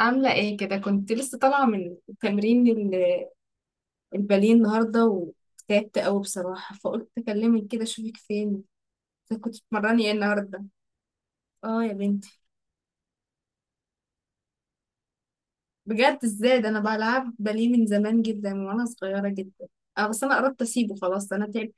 عاملة ايه كده، كنت لسه طالعة من تمرين الباليه النهاردة وتعبت قوي بصراحة، فقلت اكلمك كده اشوفك فين إذا كنت بتمرني ايه النهاردة. اه يا بنتي. بجد؟ ازاي؟ ده انا بلعب باليه من زمان جدا، من وانا صغيرة جدا. اه بس انا قربت اسيبه خلاص، انا تعبت.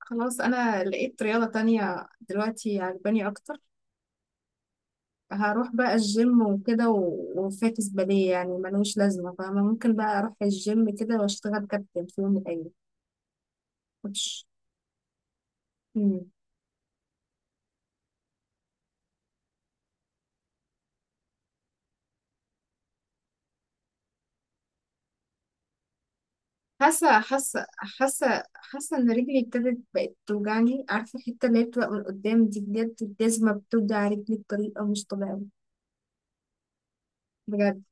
خلاص، انا لقيت رياضة تانية دلوقتي عجباني اكتر. هروح بقى الجيم وكده، وفاكس باليه يعني ملوش لازمة، فاهمة؟ ممكن بقى اروح الجيم كده واشتغل كابتن في يوم من الايام، كوتش. حاسه ان رجلي ابتدت بقت توجعني، عارفه الحته اللي هي بتبقى من قدام دي؟ بجد الجزمه بتوجع رجلي بطريقه مش طبيعيه، بجد.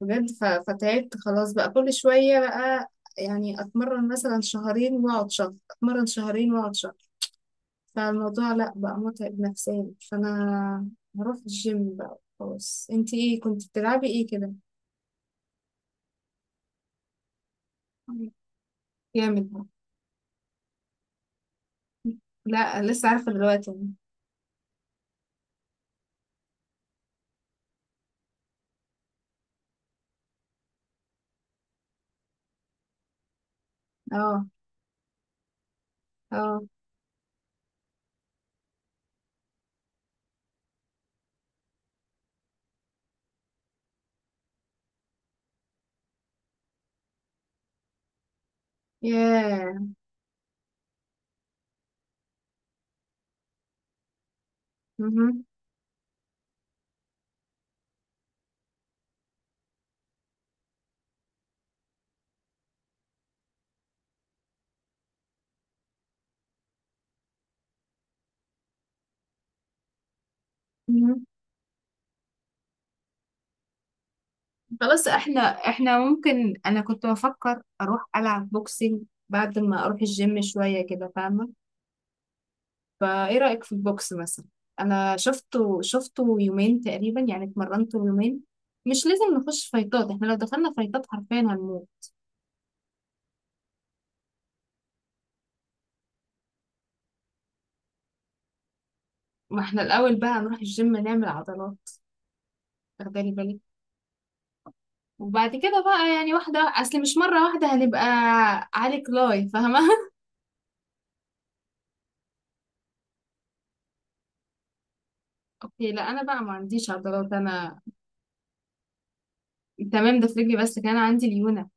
فتعبت خلاص بقى، كل شويه بقى يعني اتمرن مثلا شهرين واقعد شهر، اتمرن شهرين واقعد شهر. فالموضوع لا بقى متعب نفسيا، فانا هروح الجيم بقى خلاص. انتي ايه كنت بتلعبي ايه كده؟ جامد. لا لسه عارفه دلوقتي. اه اه. ياه. مهم. خلاص احنا ممكن، انا كنت بفكر اروح العب بوكسينج بعد ما اروح الجيم شوية كده، فاهمة؟ فايه رأيك في البوكس مثلا؟ انا شفته يومين تقريبا، يعني اتمرنته يومين. مش لازم نخش فايتات، احنا لو دخلنا فايتات حرفيا هنموت. ما احنا الاول بقى نروح الجيم نعمل عضلات، واخدالي بالك؟ وبعد كده بقى يعني واحدة، اصل مش مرة واحدة هنبقى عليك لاي، فاهمة؟ اوكي، لا انا بقى ما عنديش عضلات انا. تمام، ده في رجلي بس كان عندي ليونة،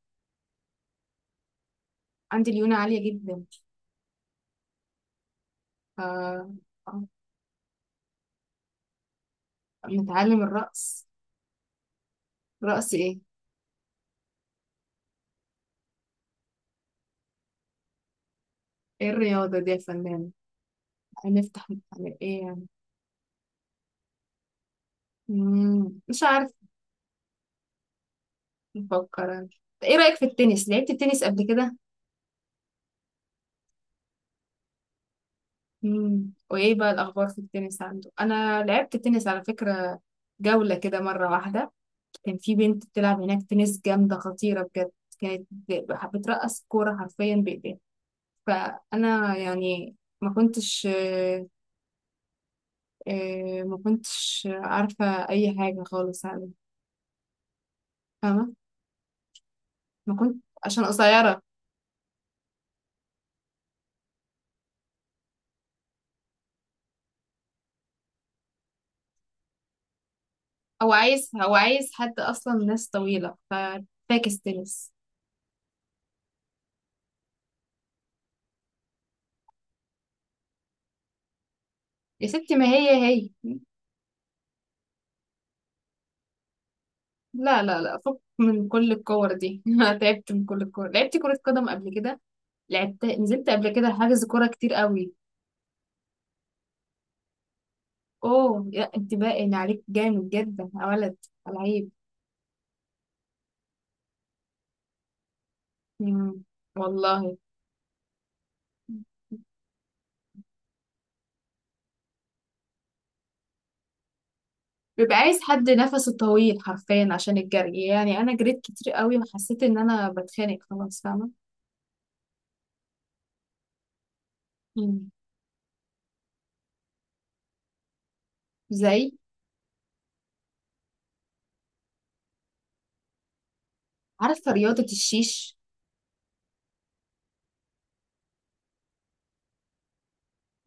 عندي ليونة عالية جدا. ف آه، نتعلم الرقص. رقص ايه؟ ايه الرياضة دي يا فنان؟ هنفتح نتعلم ايه يعني؟ مش عارف. بفكر أنا. طب ايه رأيك في التنس؟ لعبت التنس قبل كده؟ وايه بقى الأخبار في التنس عنده؟ انا لعبت تنس على فكرة، جولة كده مرة واحدة. كان في بنت بتلعب هناك تنس جامدة خطيرة بجد، كانت ب- بترقص كورة حرفيا بإيديها. فأنا يعني ما كنتش، إيه، ما كنتش عارفة أي حاجة خالص عنه، فاهمة؟ ما كنت عشان قصيرة. أو عايز حد أصلا ناس طويلة، ففاكس تنس. يا ستي ما هي هي. لا لا لا، فك من كل الكور دي. أنا تعبت من كل الكور، لعبت كرة قدم قبل كده، لعبت نزلت قبل كده حجز كورة كتير قوي. أوه لا، أنت باين عليك جامد جدا يا ولد، لعيب. مم، والله. بيبقى عايز حد نفسه طويل حرفيا عشان الجري، يعني انا جريت كتير قوي وحسيت ان انا بتخانق خلاص، فاهمه؟ مم. زي. عارفه رياضه الشيش؟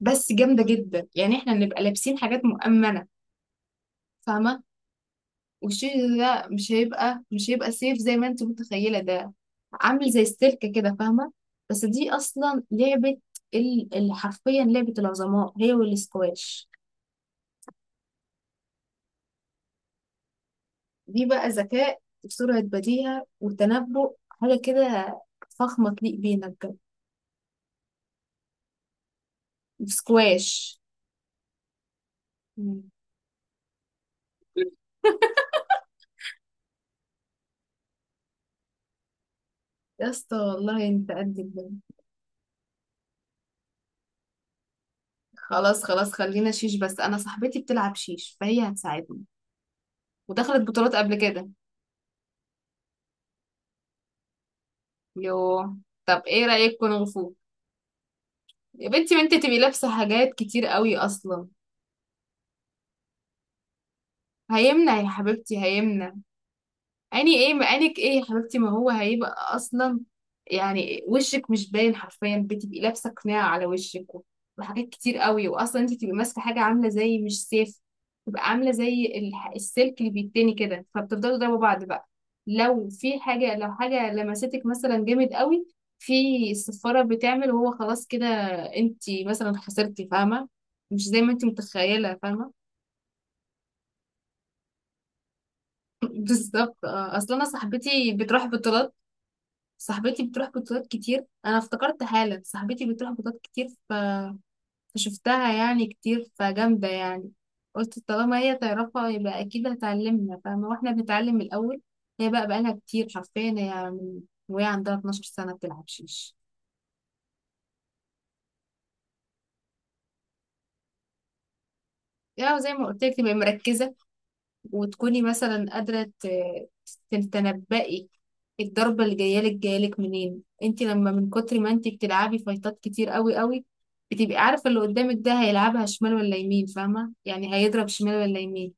بس جامده جدا، يعني احنا نبقى لابسين حاجات مؤمنه، فاهمه؟ والشيش ده مش هيبقى سيف زي ما انت متخيله، ده عامل زي السلك كده، فاهمه؟ بس دي اصلا لعبه، اللي حرفيا لعبه العظماء، هي والسكواش. دي بقى ذكاء وسرعة بديهة وتنبؤ حاجة كده، فخمة تليق بينا بجد. سكواش. مم. يا اسطى والله انت قد الدنيا. خلاص خلاص، خلينا شيش، بس انا صاحبتي بتلعب شيش فهي هتساعدني ودخلت بطولات قبل كده. يوه. طب ايه رأيك كونغ فو؟ يا بنتي ما انت تبقي لابسة حاجات كتير قوي اصلا. هيمنع يا حبيبتي، هيمنع. اني ايه، مقالك ايه يا حبيبتي؟ ما هو هيبقى اصلا يعني وشك مش باين حرفيا، بتبقي لابسه قناع على وشك، وحاجات كتير قوي، واصلا انت بتبقي ماسكه حاجه عامله زي، مش سيف، بتبقى عامله زي السلك اللي بيتني كده، فبتفضلوا تضربوا بعض بقى. لو في حاجه، لو حاجه لمستك مثلا جامد قوي في، الصفاره بتعمل وهو خلاص كده. انت مثلا خسرتي، فاهمه؟ مش زي ما انت متخيله، فاهمه؟ بالظبط. اه، اصل انا صاحبتي بتروح بطولات، صاحبتي بتروح بطولات كتير، انا افتكرت حالا صاحبتي بتروح بطولات كتير، فشفتها يعني كتير، فجامدة يعني. قلت طالما هي تعرفها يبقى اكيد هتعلمنا، فاهمة؟ واحنا بنتعلم الاول. هي بقى بقالها كتير حرفيا، هي من وهي عندها 12 سنة بتلعب شيش. يعني زي ما قلت لك، تبقى مركزة وتكوني مثلا قادرة تتنبئي الضربة اللي جاية لك، جاية لك منين. انت لما من كتر ما انت بتلعبي فايتات كتير قوي قوي، بتبقي عارفة اللي قدامك ده هيلعبها شمال ولا يمين، فاهمة؟ يعني هيضرب شمال ولا يمين.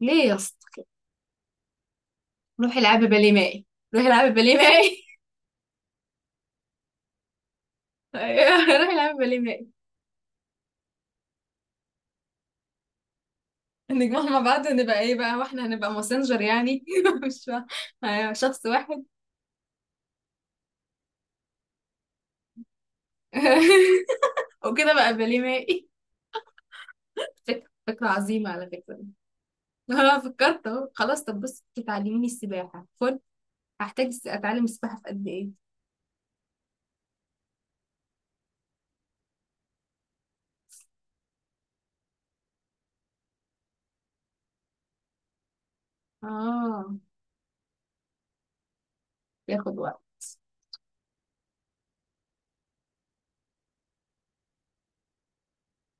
ليه يا اسطى؟ روحي العبي باليه مائي. روحي العبي باليه مائي. أيوة، روحي العبي باليه مائي. نجمع مع بعض، نبقى ايه بقى؟ واحنا هنبقى ماسنجر يعني؟ مش فا- أيوة، شخص واحد. وكده بقى باليه مائي. فكرة، فكرة عظيمة على فكرة. اه فكرت اهو، خلاص. طب بص تعلميني السباحة. فل، هحتاج اتعلم السباحة في قد ايه؟ اه، ياخد وقت.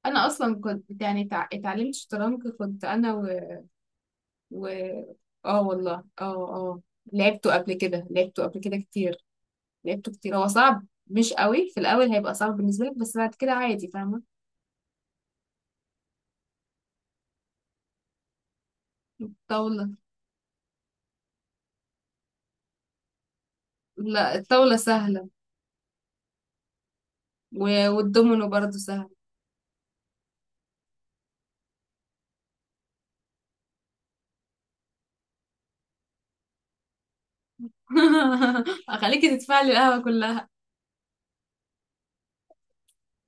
انا اصلا كنت يعني اتعلمت شطرنج، كنت انا و... اه والله، اه اه. لعبته قبل كده، لعبته قبل كده كتير، لعبته كتير. هو صعب مش قوي، في الاول هيبقى صعب بالنسبة لك بس بعد كده عادي، فاهمة؟ الطاولة. لا، الطاولة سهلة، و... والدومينو برضه سهل. اخليكي تدفعي لي القهوة كلها.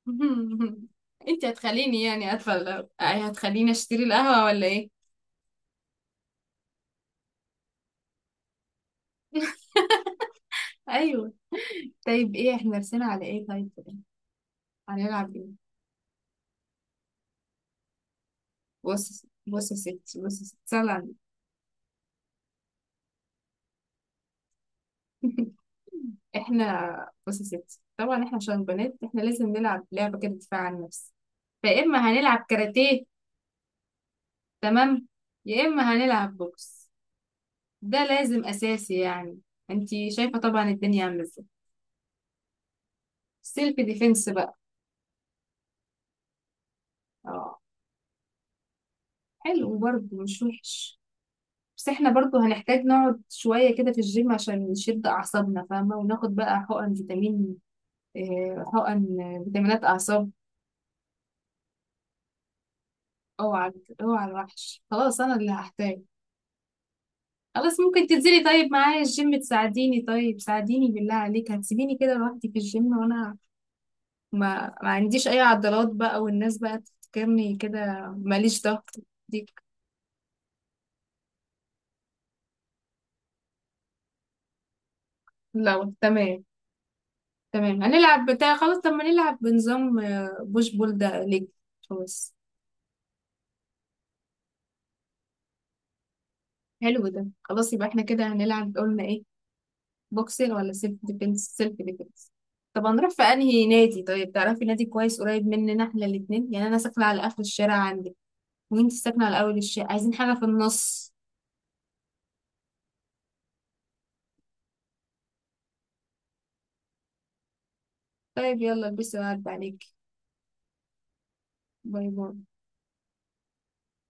انت هتخليني يعني ادخل، هتخليني اشتري القهوة ولا ايه؟ ايوه. طيب ايه، احنا رسينا على ايه طيب؟ هنلعب ايه؟ بص بص يا ستي، بص يا ستي، سلام عليك. احنا بص يا ستي طبعا احنا عشان بنات، احنا لازم نلعب لعبة كده دفاع عن النفس. فيا اما هنلعب كاراتيه، تمام، يا اما هنلعب بوكس، ده لازم اساسي يعني. انتي شايفة طبعا الدنيا عاملة ازاي. سيلف ديفense بقى. اه، حلو برضه مش وحش. بس احنا برضو هنحتاج نقعد شوية كده في الجيم عشان نشد أعصابنا، فاهمة؟ وناخد بقى حقن فيتامين، حقن فيتامينات أعصاب. اوعى، اوعى الوحش، خلاص أنا اللي هحتاج. خلاص، ممكن تنزلي طيب معايا الجيم تساعديني؟ طيب ساعديني بالله عليك، هتسيبيني كده لوحدي في الجيم وأنا ما عنديش أي عضلات بقى، والناس بقى تفكرني كده ماليش ضغط. ديك. لو تمام، تمام، هنلعب بتاع، خلاص. طب ما نلعب بنظام بوش بول ده ليج. خلاص، حلو ده. خلاص يبقى احنا كده هنلعب، قلنا ايه؟ بوكسر ولا سيلف ديفنس؟ سيلف ديفنس. طب هنروح في انهي نادي طيب؟ تعرفي نادي كويس قريب مننا احنا الاتنين؟ يعني انا ساكنه على اخر الشارع عندك، وانتي ساكنه على اول الشارع، عايزين حاجه في النص. طيب يلا البسي وعد عليك. باي باي.